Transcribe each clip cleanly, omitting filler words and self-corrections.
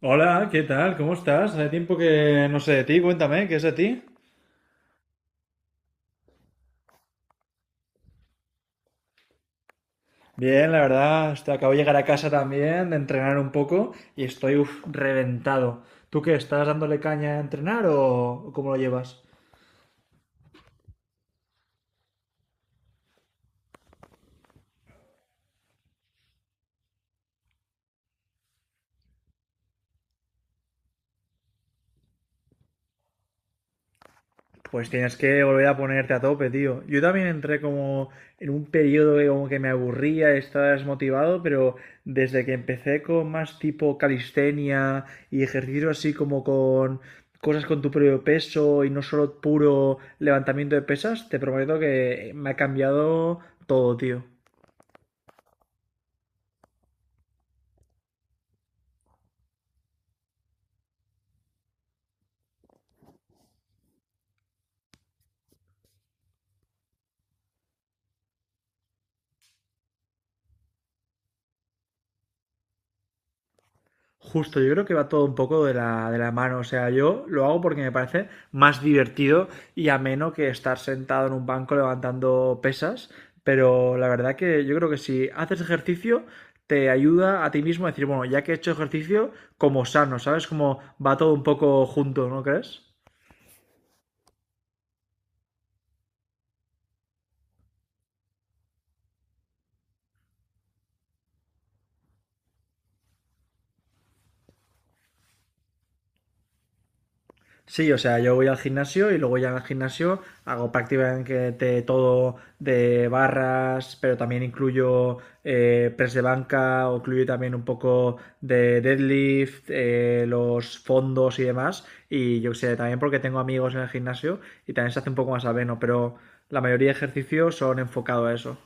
Hola, ¿qué tal? ¿Cómo estás? Hace tiempo que no sé de ti, cuéntame, ¿qué es de ti? Bien, la verdad, este, acabo de llegar a casa también, de entrenar un poco y estoy reventado. ¿Tú qué? ¿Estás dándole caña a entrenar o cómo lo llevas? Pues tienes que volver a ponerte a tope, tío. Yo también entré como en un periodo que como que me aburría, estaba desmotivado, pero desde que empecé con más tipo calistenia y ejercicio así como con cosas con tu propio peso y no solo puro levantamiento de pesas, te prometo que me ha cambiado todo, tío. Justo, yo creo que va todo un poco de de la mano. O sea, yo lo hago porque me parece más divertido y ameno que estar sentado en un banco levantando pesas. Pero la verdad que yo creo que si haces ejercicio, te ayuda a ti mismo a decir, bueno, ya que he hecho ejercicio, como sano, ¿sabes? Como va todo un poco junto, ¿no crees? Sí, o sea, yo voy al gimnasio y luego ya en el gimnasio hago prácticamente todo de barras, pero también incluyo press de banca, o incluyo también un poco de deadlift, los fondos y demás. Y yo qué sé, también porque tengo amigos en el gimnasio y también se hace un poco más ameno, pero la mayoría de ejercicios son enfocados a eso.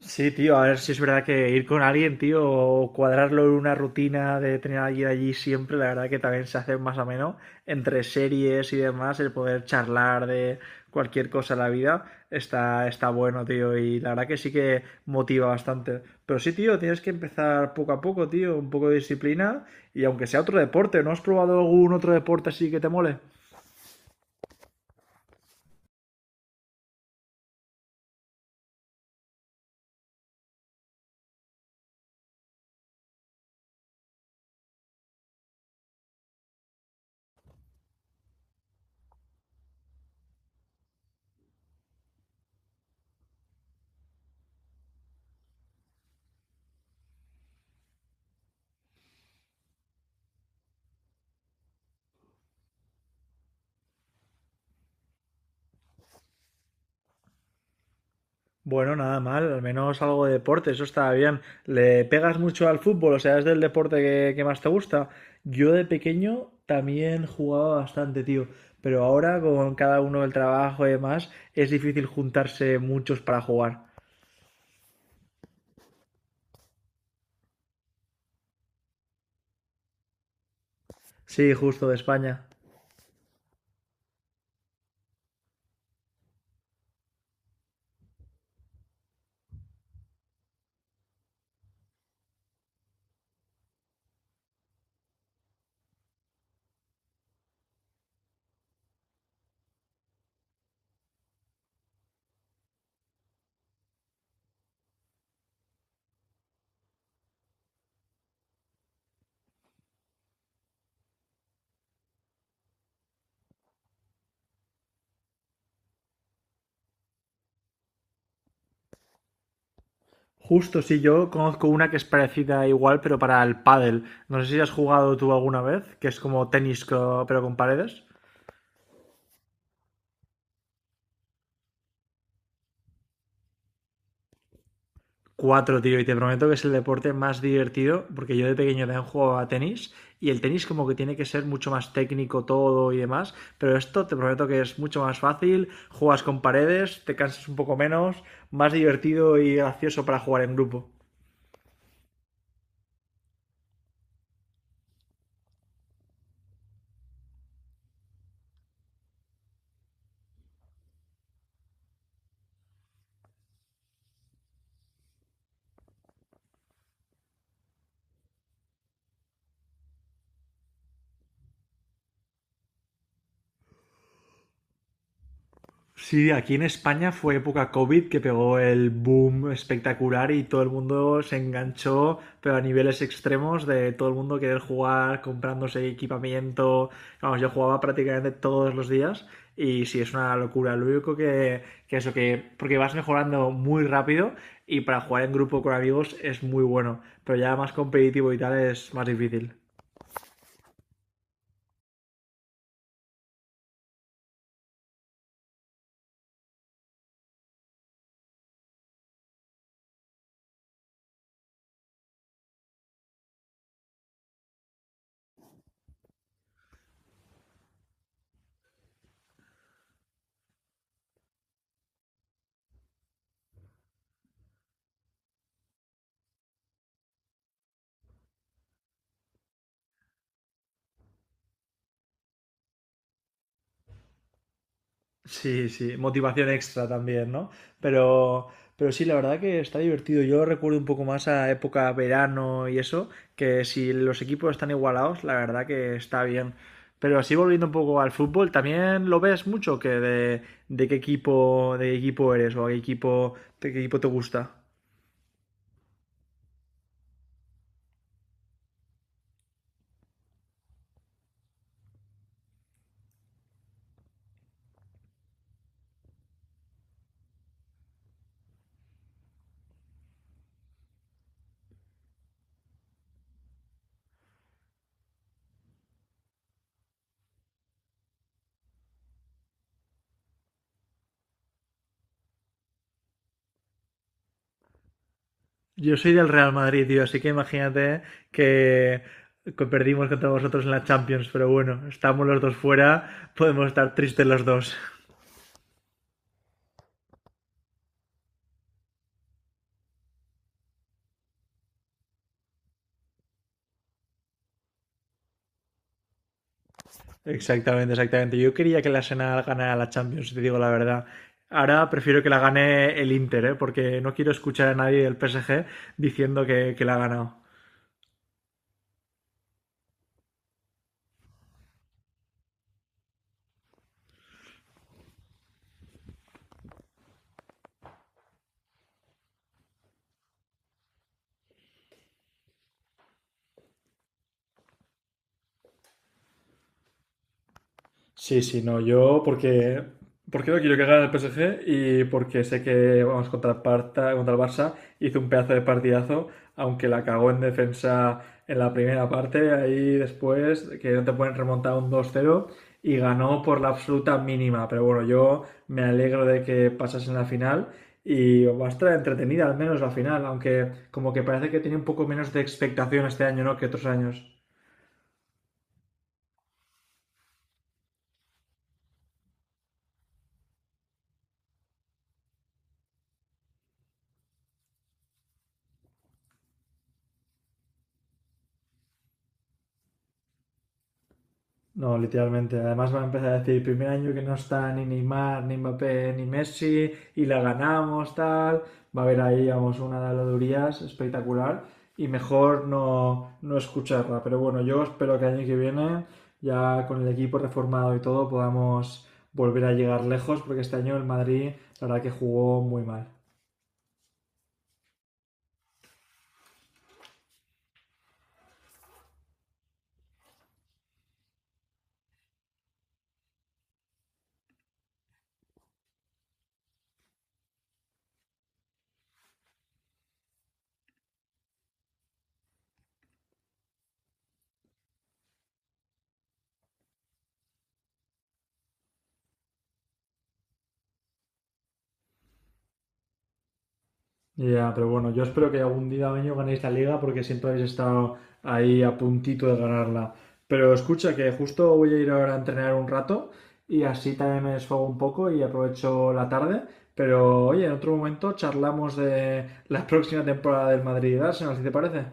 Sí, tío, a ver si es verdad que ir con alguien, tío, o cuadrarlo en una rutina de tener a alguien allí siempre, la verdad que también se hace más ameno entre series y demás, el poder charlar de cualquier cosa en la vida está, está bueno, tío, y la verdad que sí que motiva bastante. Pero sí, tío, tienes que empezar poco a poco, tío, un poco de disciplina y aunque sea otro deporte, ¿no has probado algún otro deporte así que te mole? Bueno, nada mal, al menos algo de deporte, eso está bien. ¿Le pegas mucho al fútbol? O sea, ¿es del deporte que más te gusta? Yo de pequeño también jugaba bastante, tío, pero ahora con cada uno el trabajo y demás es difícil juntarse muchos para jugar. Sí, justo de España. Justo, sí, yo conozco una que es parecida igual, pero para el pádel. No sé si has jugado tú alguna vez, que es como tenis co- pero con paredes. Cuatro, tío, y te prometo que es el deporte más divertido, porque yo de pequeño también jugaba a tenis, y el tenis como que tiene que ser mucho más técnico todo y demás, pero esto te prometo que es mucho más fácil, juegas con paredes, te cansas un poco menos, más divertido y gracioso para jugar en grupo. Sí, aquí en España fue época COVID que pegó el boom espectacular y todo el mundo se enganchó, pero a niveles extremos de todo el mundo querer jugar, comprándose equipamiento. Vamos, yo jugaba prácticamente todos los días y sí, es una locura. Lo único que eso, que porque vas mejorando muy rápido y para jugar en grupo con amigos es muy bueno, pero ya más competitivo y tal es más difícil. Sí, sí, motivación extra también, ¿no? Pero, pero sí, la verdad que está divertido. Yo recuerdo un poco más a época verano y eso, que si los equipos están igualados, la verdad que está bien. Pero así volviendo un poco al fútbol, ¿también lo ves mucho que de qué equipo eres o a qué equipo, de qué equipo te gusta? Yo soy del Real Madrid, tío, así que imagínate que que perdimos contra vosotros en la Champions, pero bueno, estamos los dos fuera, podemos estar tristes los dos. Exactamente, exactamente. Yo quería que la Arsenal ganara la Champions, si te digo la verdad. Ahora prefiero que la gane el Inter, ¿eh? Porque no quiero escuchar a nadie del PSG diciendo que la ha ganado. Sí, sí, no, porque no quiero que gane el PSG y porque sé que vamos contra contra el Barça, hizo un pedazo de partidazo, aunque la cagó en defensa en la primera parte, ahí después que no te pueden remontar un 2-0 y ganó por la absoluta mínima, pero bueno, yo me alegro de que pasas en la final y va a estar entretenida al menos la final, aunque como que parece que tiene un poco menos de expectación este año, ¿no? Que otros años. No, literalmente. Además va a empezar a decir, primer año que no está ni Neymar, ni Mbappé, ni Messi, y la ganamos, tal. Va a haber ahí, vamos, una de las durías espectacular. Y mejor no, no escucharla. Pero bueno, yo espero que el año que viene, ya con el equipo reformado y todo, podamos volver a llegar lejos, porque este año el Madrid, la verdad que jugó muy mal. Ya, pero bueno, yo espero que algún día año ganéis la liga porque siempre habéis estado ahí a puntito de ganarla. Pero escucha que justo voy a ir ahora a entrenar un rato y así también me desfogo un poco y aprovecho la tarde. Pero oye, en otro momento charlamos de la próxima temporada del Madrid y Arsenal, si te parece.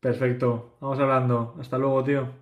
Perfecto, vamos hablando. Hasta luego, tío.